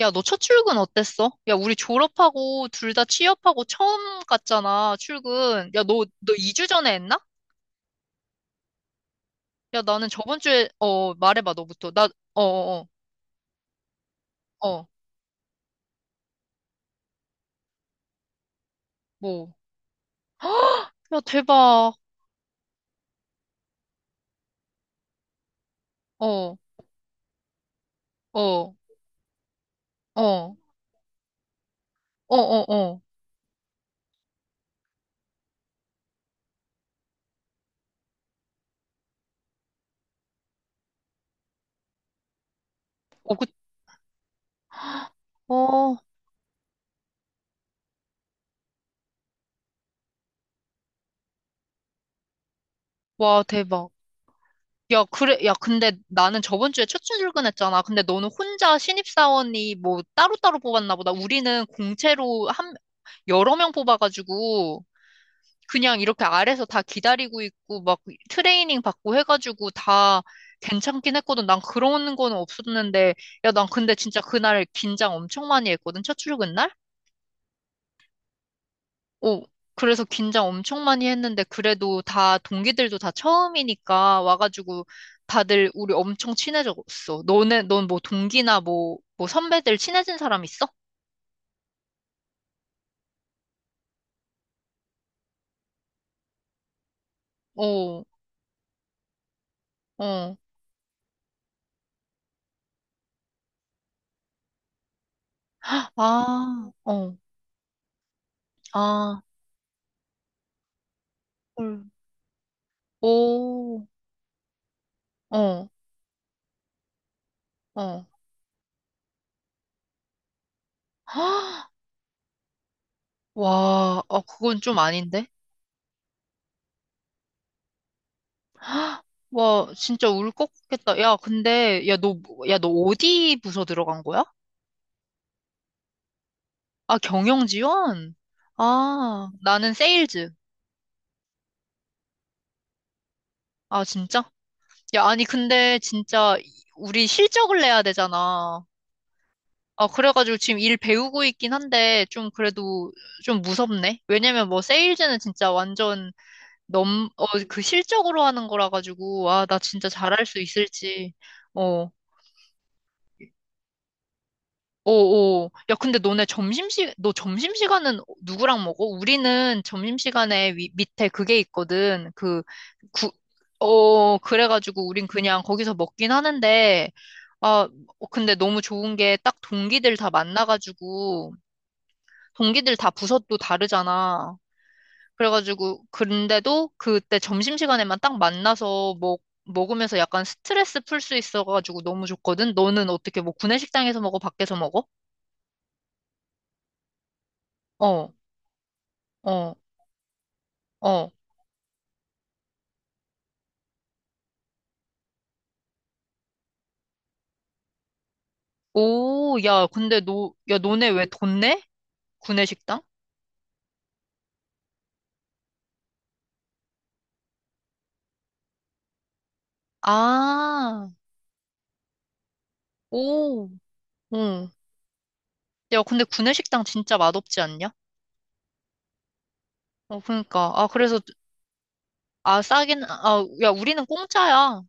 야, 너 첫 출근 어땠어? 야, 우리 졸업하고 둘 다 취업하고 처음 갔잖아, 출근. 야, 너 2주 전에 했나? 야, 나는 저번 주에, 말해봐, 너부터. 나, 어, 어, 어, 어, 뭐. 야, 대박. 어, 어, 어, 어, 어, 어. 어, 그, 어, 와, 대박. 야, 그래, 야, 근데 나는 저번 주에 첫 출근했잖아. 근데 너는 혼자 신입사원이 뭐 따로따로 뽑았나 보다. 우리는 공채로 한, 여러 명 뽑아가지고, 그냥 이렇게 아래서 다 기다리고 있고, 막 트레이닝 받고 해가지고 다 괜찮긴 했거든. 난 그런 거는 없었는데, 야, 난 근데 진짜 그날 긴장 엄청 많이 했거든. 첫 출근 날? 오, 그래서 긴장 엄청 많이 했는데, 그래도 다, 동기들도 다 처음이니까 와가지고 다들 우리 엄청 친해졌어. 너네, 넌 뭐 동기나 뭐 선배들 친해진 사람 있어? 오, 어, 아, 어, 아, 헐. 오, 어, 어. 와, 어, 그건 좀 아닌데? 와, 진짜 울 것 같겠다. 야, 근데, 야, 너 어디 부서 들어간 거야? 아, 경영 지원? 아, 나는 세일즈. 아, 진짜? 야, 아니, 근데 진짜 우리 실적을 내야 되잖아. 아, 그래가지고 지금 일 배우고 있긴 한데, 좀 그래도 좀 무섭네. 왜냐면 뭐 세일즈는 진짜 완전 그 실적으로 하는 거라 가지고, 아, 나 진짜 잘할 수 있을지. 어. 오오. 야, 근데 너네 너 점심시간은 누구랑 먹어? 우리는 점심시간에 밑에 그게 있거든. 구, 어, 그래가지고 우린 그냥 거기서 먹긴 하는데, 아, 어, 근데 너무 좋은 게 딱 동기들 다 만나가지고, 동기들 다 부서도 다르잖아. 그래가지고, 그런데도 그때 점심시간에만 딱 만나서 먹으면서 약간 스트레스 풀 수 있어가지고 너무 좋거든? 너는 어떻게 뭐 구내식당에서 먹어? 밖에서 먹어? 어. 어. 어. 오, 야, 근데 너, 야, 너네 왜 돈 내? 구내식당? 아, 오, 응. 야, 근데 구내식당 진짜 맛없지 않냐? 어, 그러니까. 아, 그래서, 아, 싸긴, 아, 야, 우리는 공짜야.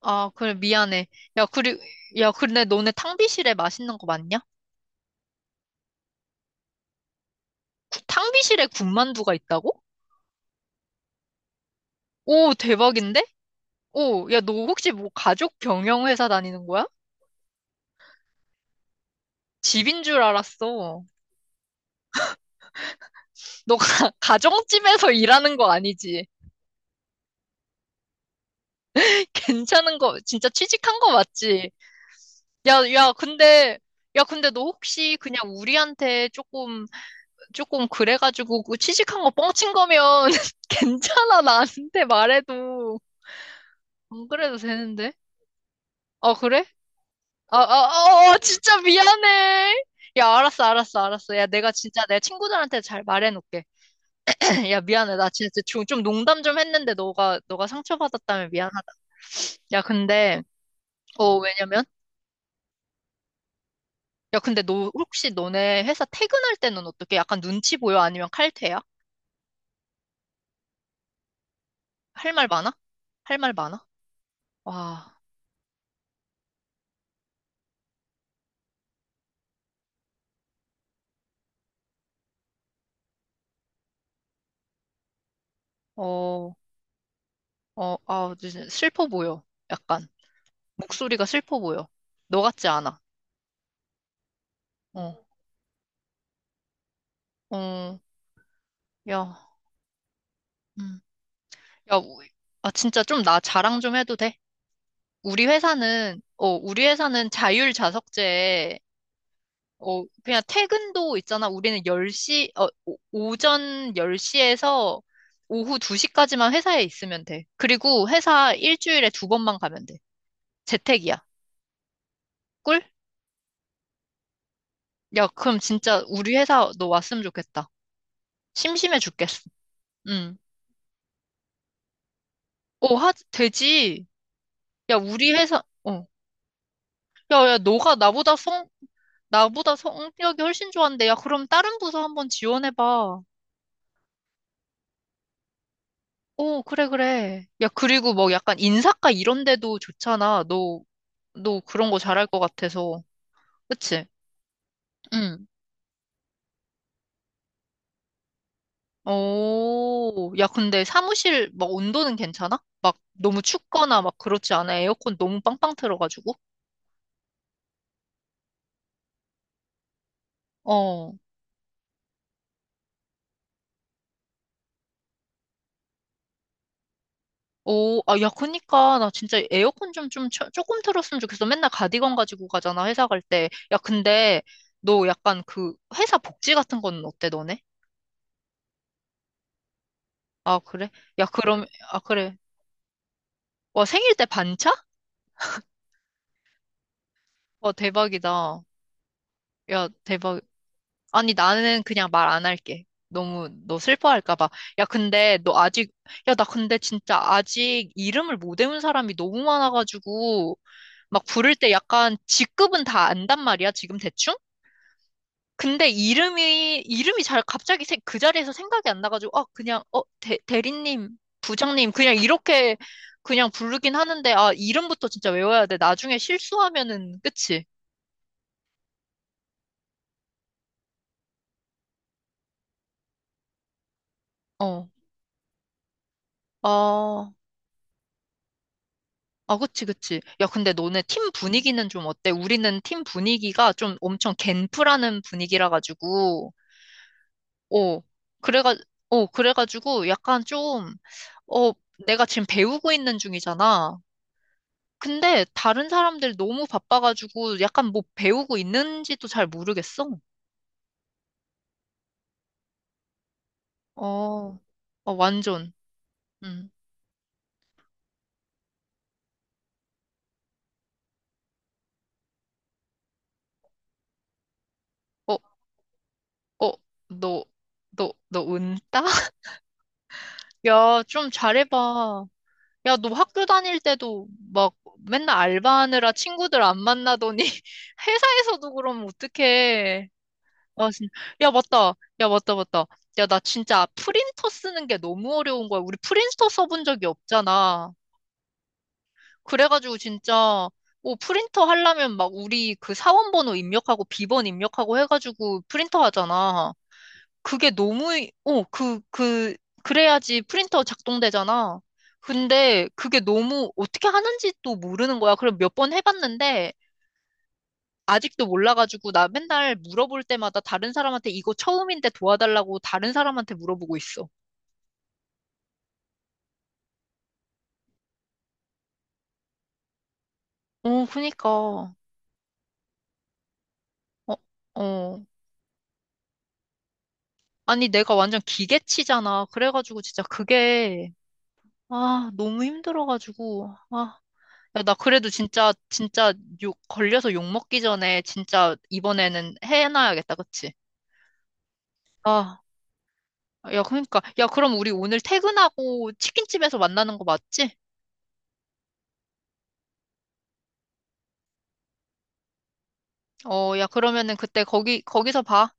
아, 그래, 미안해. 야, 그리, 야, 근데 너네 탕비실에 맛있는 거 맞냐? 탕비실에 군만두가 있다고? 오, 대박인데? 오, 야, 너 혹시 뭐 가족 경영회사 다니는 거야? 집인 줄 알았어. 너 가, 가정집에서 일하는 거 아니지? 괜찮은 거, 진짜 취직한 거 맞지? 야, 야, 근데, 야, 근데 너 혹시 그냥 우리한테 조금, 조금 그래가지고 그 취직한 거 뻥친 거면 괜찮아, 나한테 말해도. 안 그래도 되는데? 아, 그래? 아, 아, 아, 아, 진짜 미안해. 야, 알았어, 알았어, 알았어. 야, 내가 진짜 내 친구들한테 잘 말해놓을게. 야, 미안해. 나 진짜 좀 농담 좀 했는데 너가 상처받았다면 미안하다. 야, 근데, 어, 왜냐면, 야, 근데 너 혹시 너네 회사 퇴근할 때는 어떻게? 약간 눈치 보여? 아니면 칼퇴야? 할 말 많아? 할 말 많아? 와, 어, 어, 아, 진짜 슬퍼 보여. 약간 목소리가 슬퍼 보여. 너 같지 않아. 어, 어, 야, 음, 야, 우- 아, 진짜 좀 나 자랑 좀 해도 돼? 우리 회사는 자율 자석제에 어, 그냥 퇴근도 있잖아. 우리는 열 시 어, 오- 오전 10시에서 오후 2시까지만 회사에 있으면 돼. 그리고 회사 일주일에 두 번만 가면 돼. 재택이야. 꿀? 야, 그럼 진짜 우리 회사 너 왔으면 좋겠다. 심심해 죽겠어. 응. 어, 하, 되지. 야, 우리 회사, 어. 야, 야, 너가 나보다 성격이 훨씬 좋은데, 야, 그럼 다른 부서 한번 지원해봐. 오, 그래, 그래. 야, 그리고 뭐 약간 인사과 이런 데도 좋잖아. 너 그런 거 잘할 것 같아서. 그치? 응. 오, 야, 근데 사무실 막 온도는 괜찮아? 막 너무 춥거나 막 그렇지 않아? 에어컨 너무 빵빵 틀어가지고? 어. 오, 아, 야, 그니까, 나 진짜 에어컨 좀 조금 틀었으면 좋겠어. 맨날 가디건 가지고 가잖아, 회사 갈 때. 야, 근데, 너 약간 그, 회사 복지 같은 건 어때, 너네? 아, 그래? 야, 그럼, 아, 그래. 와, 생일 때 반차? 와, 대박이다. 야, 대박. 아니, 나는 그냥 말 안 할게. 너무, 너 슬퍼할까 봐. 야, 근데 너 아직, 야, 나 근데 진짜 아직 이름을 못 외운 사람이 너무 많아가지고, 막 부를 때 약간 직급은 다 안단 말이야, 지금 대충? 근데 이름이 잘 갑자기 그 자리에서 생각이 안 나가지고, 아, 그냥, 어, 대리님, 부장님, 그냥 이렇게 그냥 부르긴 하는데, 아, 이름부터 진짜 외워야 돼. 나중에 실수하면은, 그치? 어. 아, 아, 그치, 그치. 야, 근데 너네 팀 분위기는 좀 어때? 우리는 팀 분위기가 좀 엄청 갠프라는 분위기라 가지고, 어, 그래가, 그래가지고 약간 좀, 어, 내가 지금 배우고 있는 중이잖아. 근데 다른 사람들 너무 바빠가지고 약간 뭐 배우고 있는지도 잘 모르겠어. 어, 어, 완전. 음. 어, 어, 너, 너 은따? 야, 좀 잘해봐. 야, 너 학교 다닐 때도 막 맨날 알바하느라 친구들 안 만나더니 회사에서도 그럼 어떡해. 아, 진 야, 맞다. 야, 맞다, 맞다. 야, 나 진짜 프린터 쓰는 게 너무 어려운 거야. 우리 프린터 써본 적이 없잖아. 그래가지고 진짜, 뭐 프린터 하려면 막 우리 그 사원 번호 입력하고 비번 입력하고 해가지고 프린터 하잖아. 그게 너무, 어, 그, 그, 그래야지 프린터 작동되잖아. 근데 그게 너무 어떻게 하는지 또 모르는 거야. 그럼 몇 번 해봤는데 아직도 몰라가지고 나 맨날 물어볼 때마다 다른 사람한테 이거 처음인데 도와달라고 다른 사람한테 물어보고 있어. 어, 그니까. 어, 어. 아니, 내가 완전 기계치잖아. 그래가지고 진짜 그게, 아, 너무 힘들어가지고, 아. 야, 나 그래도 진짜, 진짜 걸려서 욕 먹기 전에 진짜 이번에는 해놔야겠다, 그치? 아, 야, 그러니까. 야, 그럼 우리 오늘 퇴근하고 치킨집에서 만나는 거 맞지? 어, 야, 그러면은 그때 거기서 봐.